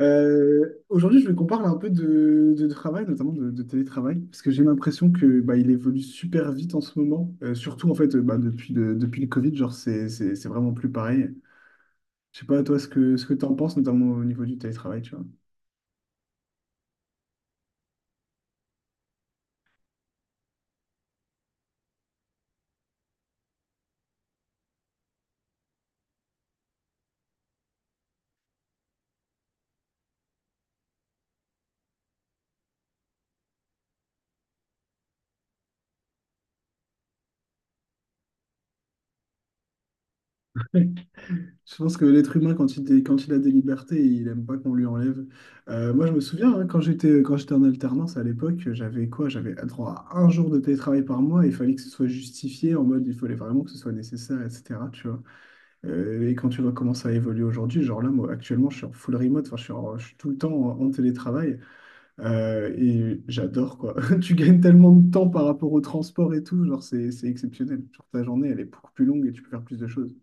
Aujourd'hui, je veux qu'on parle un peu de travail, notamment de télétravail, parce que j'ai l'impression que bah, il évolue super vite en ce moment. Surtout en fait, bah, depuis depuis le Covid, genre c'est vraiment plus pareil. Je sais pas toi ce que t'en penses, notamment au niveau du télétravail, tu vois. Ouais. Je pense que l'être humain, quand quand il a des libertés, il aime pas qu'on lui enlève. Moi, je me souviens, hein, quand j'étais en alternance à l'époque, j'avais quoi? J'avais droit à 1 jour de télétravail par mois. Il fallait que ce soit justifié en mode, il fallait vraiment que ce soit nécessaire, etc. Tu vois. Et quand tu vois comment ça a évolué aujourd'hui, genre là, moi, actuellement, je suis en full remote, enfin, je suis tout le temps en télétravail et j'adore, quoi. Tu gagnes tellement de temps par rapport au transport et tout, genre, c'est exceptionnel. Genre, ta journée, elle est beaucoup plus longue et tu peux faire plus de choses.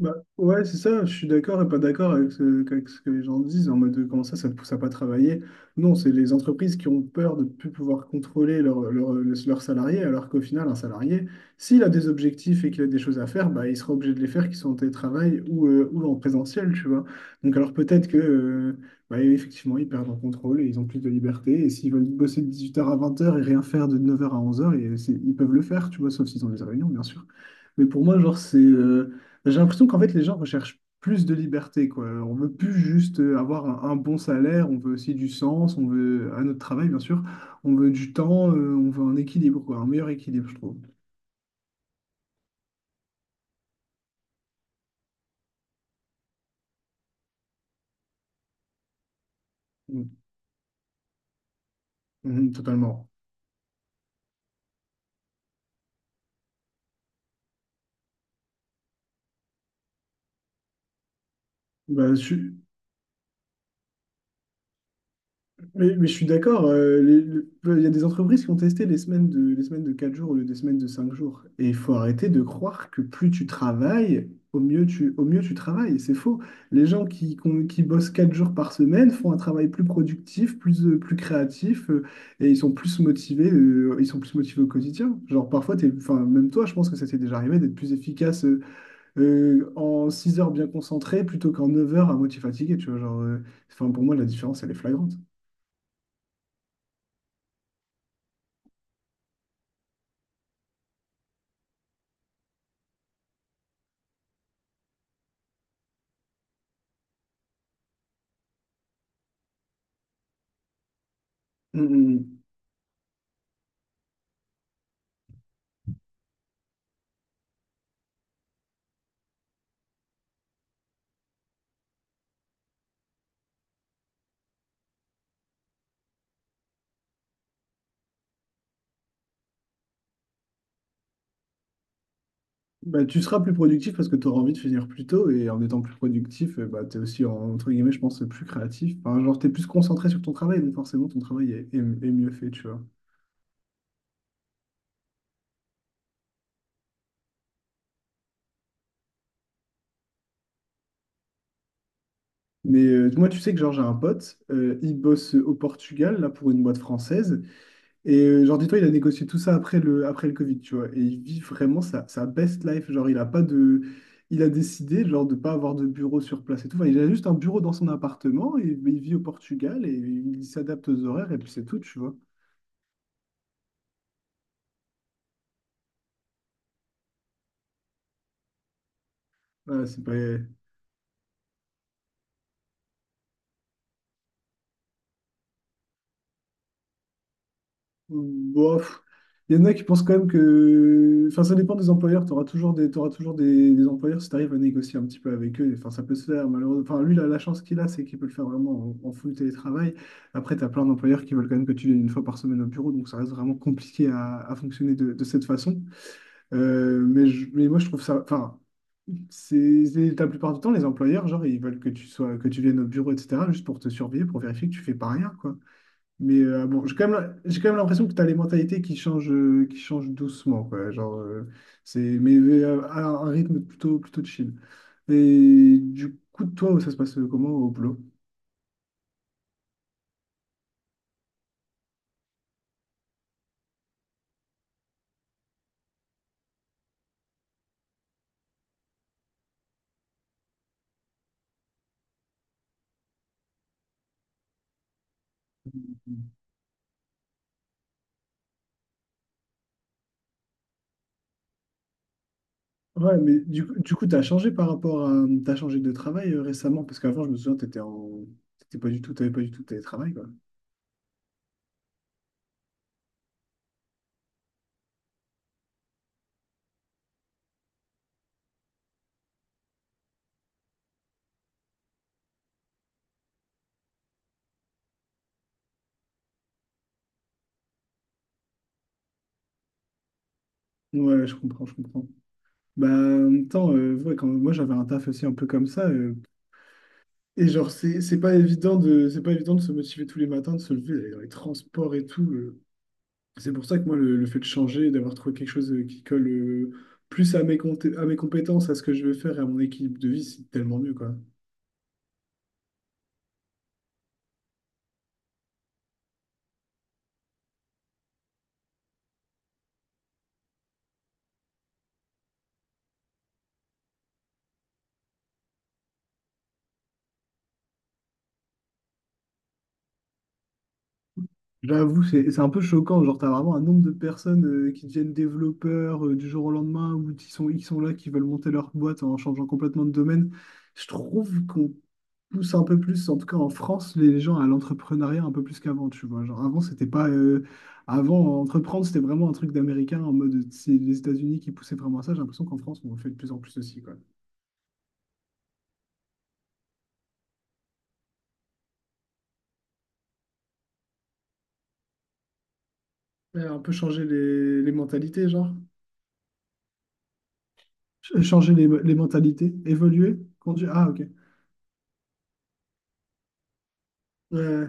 Bah, ouais, c'est ça, je suis d'accord et pas d'accord avec avec ce que les gens disent en mode de, comment ça, ça ne pousse à pas travailler. Non, c'est les entreprises qui ont peur de ne plus pouvoir contrôler leurs salariés, alors qu'au final, un salarié, s'il a des objectifs et qu'il a des choses à faire, bah, il sera obligé de les faire, qu'ils soient en télétravail ou en présentiel, tu vois. Donc, alors peut-être que, bah, effectivement, ils perdent en contrôle et ils ont plus de liberté. Et s'ils veulent bosser de 18h à 20h et rien faire de 9h à 11h, ils peuvent le faire, tu vois, sauf s'ils ont des réunions, bien sûr. Mais pour moi, genre, c'est. J'ai l'impression qu'en fait, les gens recherchent plus de liberté, quoi. On veut plus juste avoir un bon salaire, on veut aussi du sens, on veut un autre travail, bien sûr. On veut du temps, on veut un équilibre, quoi, un meilleur équilibre, je trouve. Mm. Mhm, totalement. Bah, je, mais je suis d'accord, il y a des entreprises qui ont testé les semaines les semaines de 4 jours au lieu des semaines de 5 jours. Et il faut arrêter de croire que plus tu travailles, au mieux tu travailles. C'est faux. Les gens qui bossent 4 jours par semaine font un travail plus productif, plus créatif, et ils sont plus motivés, ils sont plus motivés au quotidien. Genre parfois, enfin, même toi, je pense que ça t'est déjà arrivé d'être plus efficace en 6 heures bien concentré plutôt qu'en 9 heures à moitié fatigué. Tu vois, enfin, pour moi, la différence, elle est flagrante. Mm, mm. Bah, tu seras plus productif parce que tu auras envie de finir plus tôt et en étant plus productif, bah, tu es aussi, entre guillemets, je pense, plus créatif. Enfin, genre, tu es plus concentré sur ton travail, donc forcément, ton travail est, est- est mieux fait, tu vois. Mais moi, tu sais que genre, j'ai un pote, il bosse au Portugal, là, pour une boîte française. Et genre, dis-toi, il a négocié tout ça après après le Covid, tu vois. Et il vit vraiment sa best life. Genre, il a pas de... Il a décidé, genre, de pas avoir de bureau sur place et tout. Enfin, il a juste un bureau dans son appartement, et, mais il vit au Portugal, et il s'adapte aux horaires, et puis c'est tout, tu vois. Ouais, c'est pas... Bof. Il y en a qui pensent quand même que... Enfin, ça dépend des employeurs. Tu auras toujours des, T'auras toujours des employeurs si tu arrives à négocier un petit peu avec eux. Enfin, ça peut se faire, malheureusement. Enfin, lui, la chance qu'il a, c'est qu'il peut le faire vraiment en full télétravail. Après, tu as plein d'employeurs qui veulent quand même que tu viennes 1 fois par semaine au bureau. Donc, ça reste vraiment compliqué à fonctionner de cette façon. Mais moi, je trouve ça... Enfin, la plupart du temps, les employeurs, genre, ils veulent que que tu viennes au bureau, etc., juste pour te surveiller, pour vérifier que tu fais pas rien, quoi. Mais bon, j'ai quand même l'impression que tu as les mentalités qui changent doucement, quoi. Genre, c'est, mais À un rythme plutôt chill. Et du coup, toi, ça se passe comment au boulot? Ouais, mais du coup, tu as changé par rapport à... Tu as changé de travail récemment, parce qu'avant, je me souviens, tu étais en... t'étais pas du tout, t'avais pas du tout de télétravail, quoi. Ouais, je comprends. Bah, en même temps, quand moi j'avais un taf aussi un peu comme ça, et genre, c'est pas évident c'est pas évident de se motiver tous les matins, de se lever, d'aller dans les transports et tout. C'est pour ça que moi, le fait de changer, d'avoir trouvé quelque chose qui colle plus à à mes compétences, à ce que je veux faire et à mon équilibre de vie, c'est tellement mieux, quoi. J'avoue, c'est un peu choquant. Genre, t'as vraiment un nombre de personnes qui deviennent développeurs du jour au lendemain ou qui sont là, qui veulent monter leur boîte en changeant complètement de domaine. Je trouve qu'on pousse un peu plus, en tout cas en France, les gens à l'entrepreneuriat un peu plus qu'avant, tu vois. Genre avant, c'était pas. Avant, entreprendre, c'était vraiment un truc d'américain en mode c'est les États-Unis qui poussaient vraiment à ça. J'ai l'impression qu'en France, on le fait de plus en plus aussi, quoi. Un peu changer les mentalités, genre. Changer les mentalités, évoluer, conduire. Ah, ok. Ouais.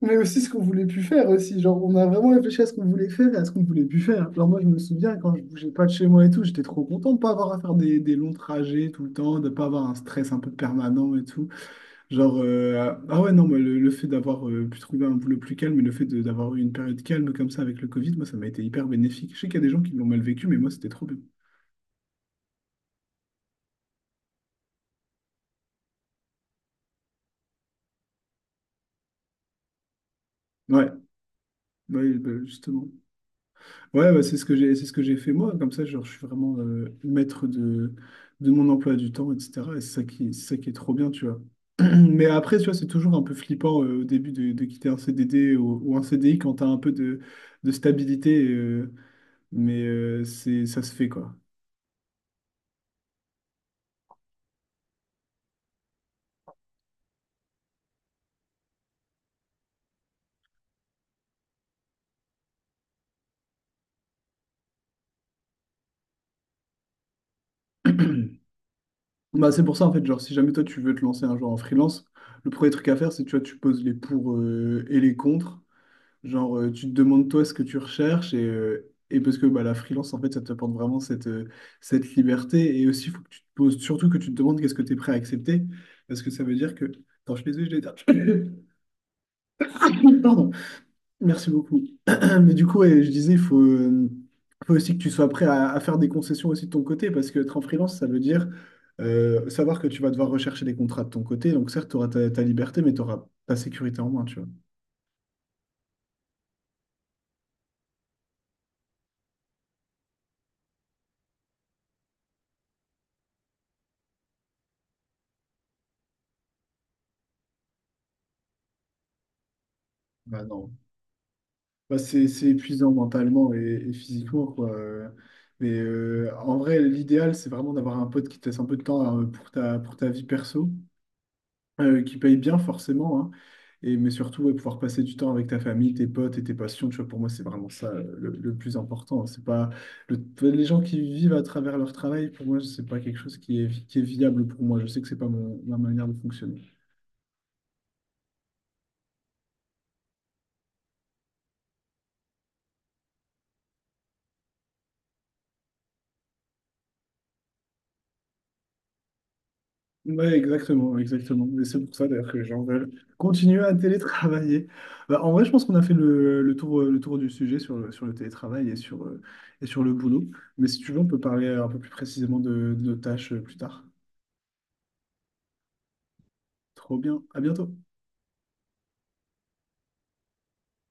Mais aussi ce qu'on voulait plus faire aussi. Genre, on a vraiment réfléchi à ce qu'on voulait faire et à ce qu'on voulait plus faire. Alors moi, je me souviens quand je bougeais pas de chez moi et tout, j'étais trop content de pas avoir à faire des longs trajets tout le temps, de pas avoir un stress un peu permanent et tout. Ouais, non, moi, le fait d'avoir pu trouver un boulot plus calme et le fait d'avoir eu une période calme comme ça avec le Covid, moi, ça m'a été hyper bénéfique. Je sais qu'il y a des gens qui l'ont mal vécu, mais moi, c'était trop bien. Ouais, ouais, bah, justement. Ouais, bah, c'est ce que j'ai, c'est ce que j'ai fait moi. Comme ça, genre, je suis vraiment maître de mon emploi du temps, etc. Et c'est ça qui est trop bien, tu vois. Mais après, tu vois, c'est toujours un peu flippant au début de quitter un CDD ou un CDI quand t'as un peu de stabilité. Mais c'est, ça se fait, quoi. Bah, c'est pour ça, en fait, genre, si jamais toi, tu veux te lancer un jour en freelance, le premier truc à faire, c'est, tu vois, tu poses les pour et les contre. Tu te demandes toi ce que tu recherches et parce que bah, la freelance, en fait, ça t'apporte vraiment cette liberté. Et aussi, il faut que tu te poses, surtout que tu te demandes qu'est-ce que tu es prêt à accepter. Parce que ça veut dire que. Attends, je suis désolé, je l'ai éteint. Pardon. Merci beaucoup. Mais du coup, ouais, je disais, faut aussi que tu sois prêt à faire des concessions aussi de ton côté, parce que être en freelance, ça veut dire savoir que tu vas devoir rechercher des contrats de ton côté. Donc certes, tu auras ta liberté, mais tu auras ta sécurité en moins, tu vois. Bah non. Bah, c'est épuisant mentalement et physiquement, quoi. Mais en vrai, l'idéal, c'est vraiment d'avoir un pote qui te laisse un peu de temps pour pour ta vie perso, qui paye bien forcément, hein. Et, mais surtout, ouais, pouvoir passer du temps avec ta famille, tes potes et tes passions. Tu vois, pour moi, c'est vraiment ça le plus important. C'est pas le- Enfin, les gens qui vivent à travers leur travail, pour moi, c'est pas quelque chose qui est viable pour moi. Je sais que c'est pas ma manière de fonctionner. Ouais, exactement, exactement. Mais c'est pour ça d'ailleurs que les gens veulent continuer à télétravailler. Bah, en vrai, je pense qu'on a fait le tour du sujet sur, sur le télétravail et et sur le boulot. Mais si tu veux, on peut parler un peu plus précisément de nos tâches plus tard. Trop bien, à bientôt.